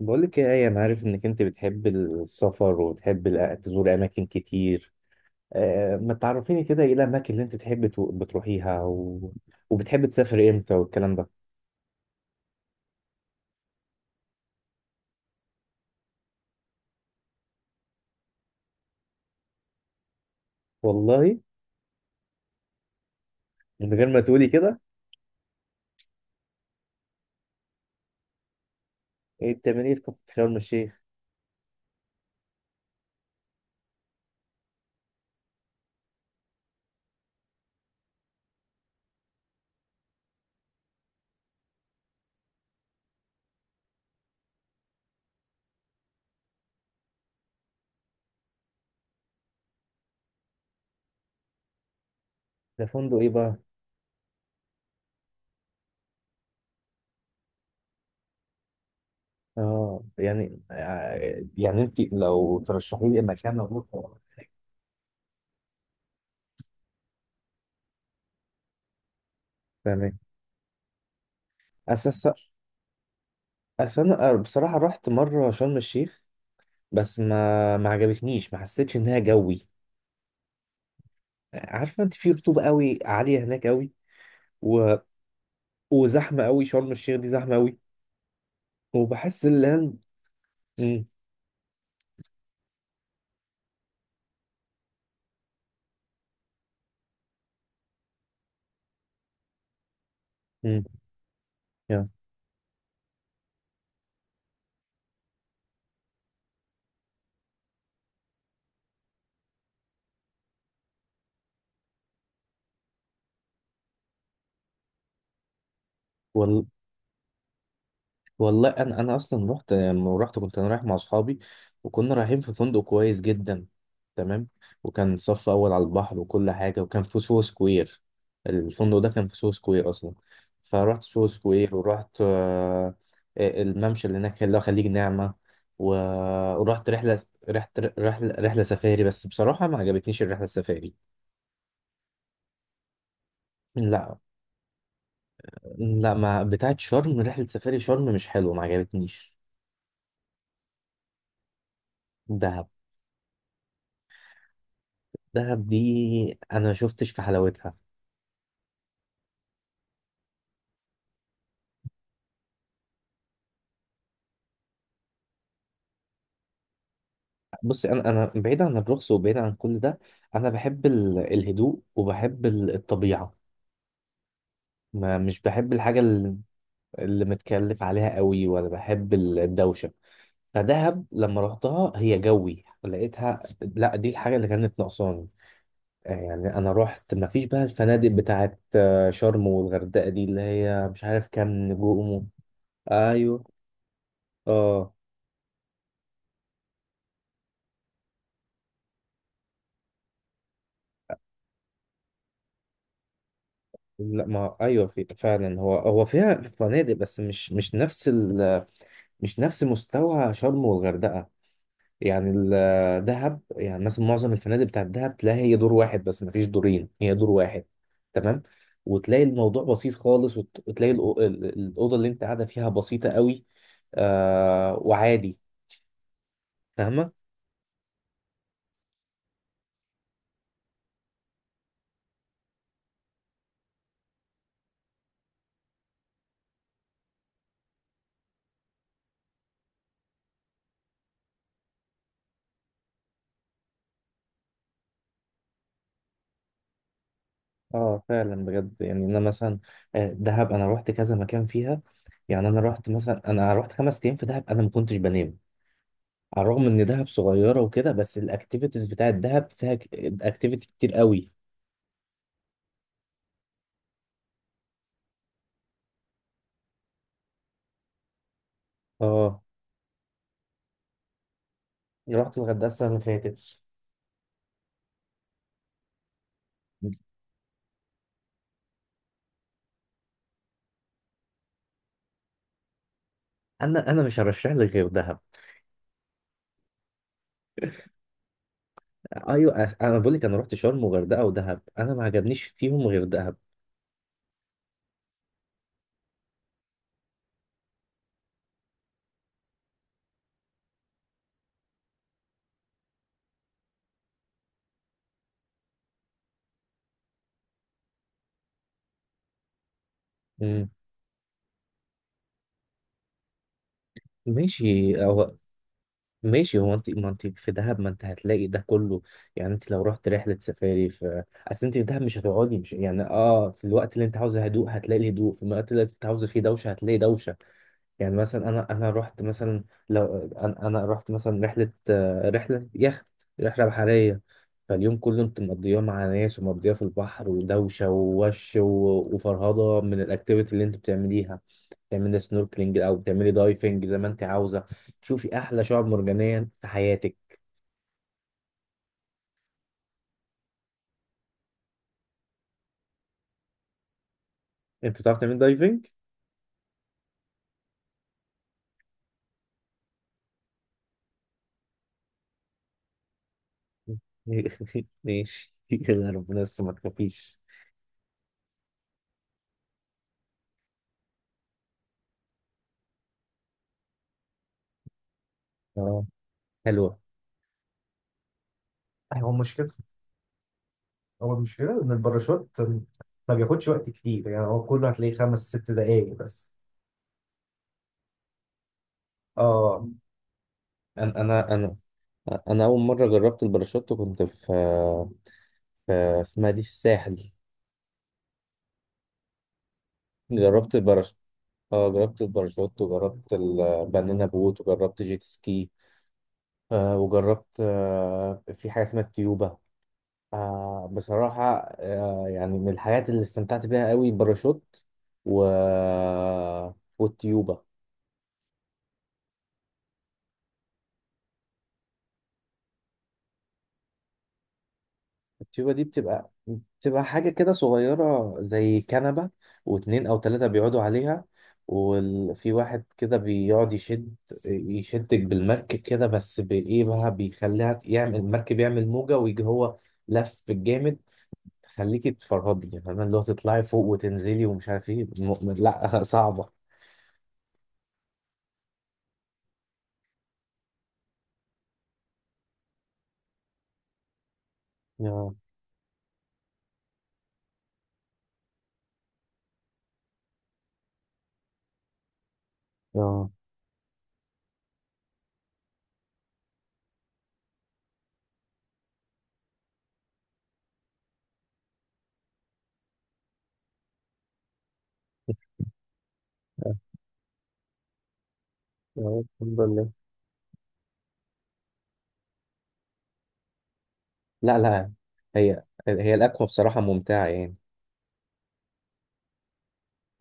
بقولك ايه آية، انا عارف انك انت بتحب السفر وبتحب تزور اماكن كتير. ما تعرفيني كده ايه الاماكن اللي انت بتحب بتروحيها وبتحب تسافر امتى والكلام ده. والله، من غير ما تقولي كده. بتعملي إيه في كفر شرم الشيخ؟ ده فندق ايه بقى؟ يعني انت لو ترشحي لي مكان اروحه. تمام. اساس. اصل انا بصراحه رحت مره شرم الشيخ، بس ما عجبتنيش، ما حسيتش انها جوي. عارفه انت في رطوبه قوي عاليه هناك قوي، و... وزحمه قوي، شرم الشيخ دي زحمه قوي. وبحس ان مم، مم، يا. وال... والله انا اصلا رحت. لما رحت كنت انا رايح مع اصحابي، وكنا رايحين في فندق كويس جدا، تمام، وكان صف اول على البحر وكل حاجه، وكان في سوهو سكوير. الفندق ده كان في سوهو سكوير اصلا، فرحت سوهو سكوير، ورحت الممشى اللي هناك اللي هو خليج نعمه و- ورحت رحله. رحت رحله سفاري، بس بصراحه ما عجبتنيش الرحله السفاري. لا، لا، ما بتاعت شرم، رحله سفاري شرم مش حلوه، ما عجبتنيش. دهب. دهب دي انا ما شفتش في حلاوتها. بص، انا بعيد عن الرخص وبعيد عن كل ده، انا بحب الهدوء وبحب الطبيعه. ما مش بحب الحاجه اللي، اللي متكلف عليها قوي، ولا بحب الدوشه. فدهب لما رحتها هي جوي، لقيتها لا، دي الحاجه اللي كانت ناقصاني. يعني انا رحت، ما فيش بقى الفنادق بتاعت شرم والغردقه دي اللي هي مش عارف كام نجوم. ايوه. اه. لا، ما، ايوه، في فعلا، هو فيها فنادق، بس مش نفس مش نفس مستوى شرم والغردقه. يعني دهب، يعني مثلا معظم الفنادق بتاعت دهب تلاقي هي دور واحد بس، مفيش دورين، هي دور واحد، تمام، وتلاقي الموضوع بسيط خالص، وتلاقي الاوضه اللي انت قاعده فيها بسيطه قوي، آه، وعادي، فاهمه. اه فعلا، بجد. يعني انا مثلا، دهب انا رحت كذا مكان فيها. يعني انا رحت 5 ايام في دهب، انا ما كنتش بنام. على الرغم ان دهب صغيره وكده، بس الاكتيفيتيز بتاعت دهب فيها اكتيفيتي كتير قوي. اه، رحت الغردقه السنه اللي فاتت. انا مش هرشح لك غير دهب. ايوه، انا بقول لك، انا رحت شرم وغردقه ودهب، انا ما عجبنيش فيهم غير دهب. مم. ماشي. هو انت، ما انت في دهب ما انت هتلاقي ده كله. يعني انت لو رحت رحله سفاري، في اصل انت في دهب مش هتقعدي، مش يعني، اه، في الوقت اللي انت عاوزه هدوء هتلاقي هدوء، في الوقت اللي انت عاوزه فيه دوشه هتلاقي دوشه. يعني مثلا انا رحت مثلا، لو انا رحت مثلا رحله يخت، رحله بحريه، فاليوم كله انت مقضياه مع ناس، ومقضياه في البحر ودوشه ووش وفرهضه من الاكتيفيتي اللي انت بتعمليها. تعملي سنوركلينج او بتعملي دايفنج زي ما انت عاوزه، شوفي احلى شعاب مرجانيه في حياتك. انت بتعرف تعملي دايفنج؟ ماشي، يلا، ربنا يستر، ما تخافيش. اه، حلوه. هو مشكلة، هو المشكلة إن الباراشوت ما بياخدش وقت كتير، يعني هو كله هتلاقيه 5 6 دقايق بس. اه. انا انا انا انا اول مره جربت الباراشوت كنت في في اسمها دي في الساحل، جربت الباراشوت. اه، جربت الباراشوت وجربت البنانا بوت وجربت جيت سكي، وجربت، في حاجه اسمها التيوبه. بصراحه، يعني من الحاجات اللي استمتعت بيها قوي الباراشوت و والتيوبه. التيوبه دي بتبقى، تبقى حاجة كده صغيرة زي كنبة، واتنين أو تلاتة بيقعدوا عليها، وفي واحد كده بيقعد يشد، يشدك بالمركب، كده بس بإيه بقى، بيخليها يعمل المركب يعمل موجة، ويجي هو لف جامد، تخليكي تفرهدي، يعني فاهمة اللي هو تطلعي فوق وتنزلي ومش عارف ايه لا صعبة. يا، يا، يا، الحمد لله. لا، لا، هي الأكوا بصراحة ممتعة يعني.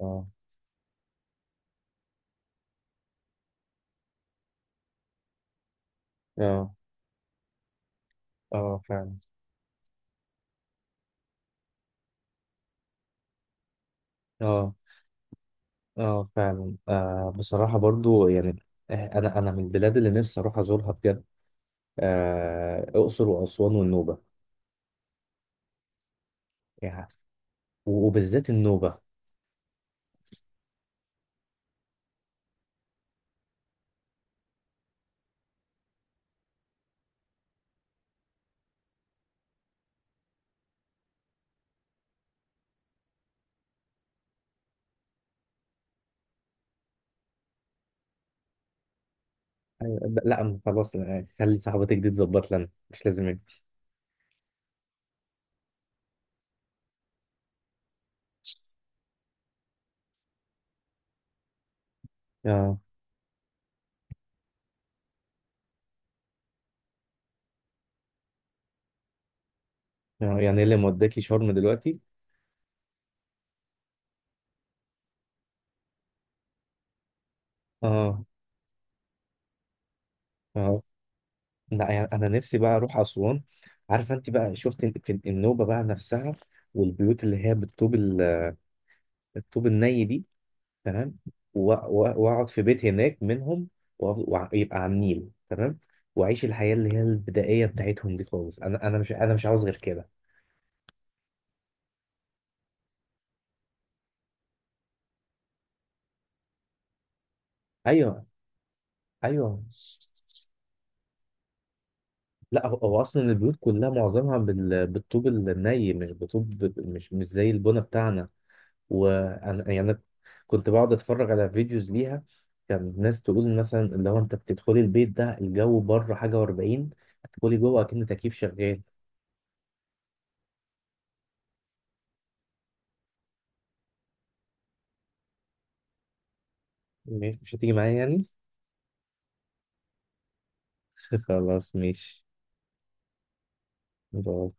اه. اه، اه فعلا. اه، اه فعلا، بصراحة، برضو يعني، انا من البلاد اللي نفسي اروح ازورها بجد، آه الاقصر واسوان والنوبة. يعني، وبالذات النوبة. أيوة، لا خلاص، خلي صاحبتك دي تظبط لنا، مش لازم انت. اه. يعني إيه اللي موداكي شرم دلوقتي؟ اه. اه. لا يعني انا نفسي بقى اروح اسوان. عارفة انت بقى، شفت في النوبة بقى نفسها، والبيوت اللي هي بالطوب الطوب الني دي، تمام، واقعد في بيت هناك منهم، ويبقى على النيل، تمام، واعيش الحياه اللي هي البدائيه بتاعتهم دي خالص. انا مش عاوز غير كده. ايوه. ايوه. لا، هو اصلا البيوت كلها معظمها بالطوب الني، مش بطوب، مش زي البنا بتاعنا. وانا يعني أنا كنت بقعد اتفرج على فيديوز ليها، كان ناس تقول مثلا اللي هو انت بتدخلي البيت ده الجو بره حاجه و40، تدخلي جوه اكن تكييف شغال. مش هتيجي معايا يعني؟ خلاص، ماشي، باي.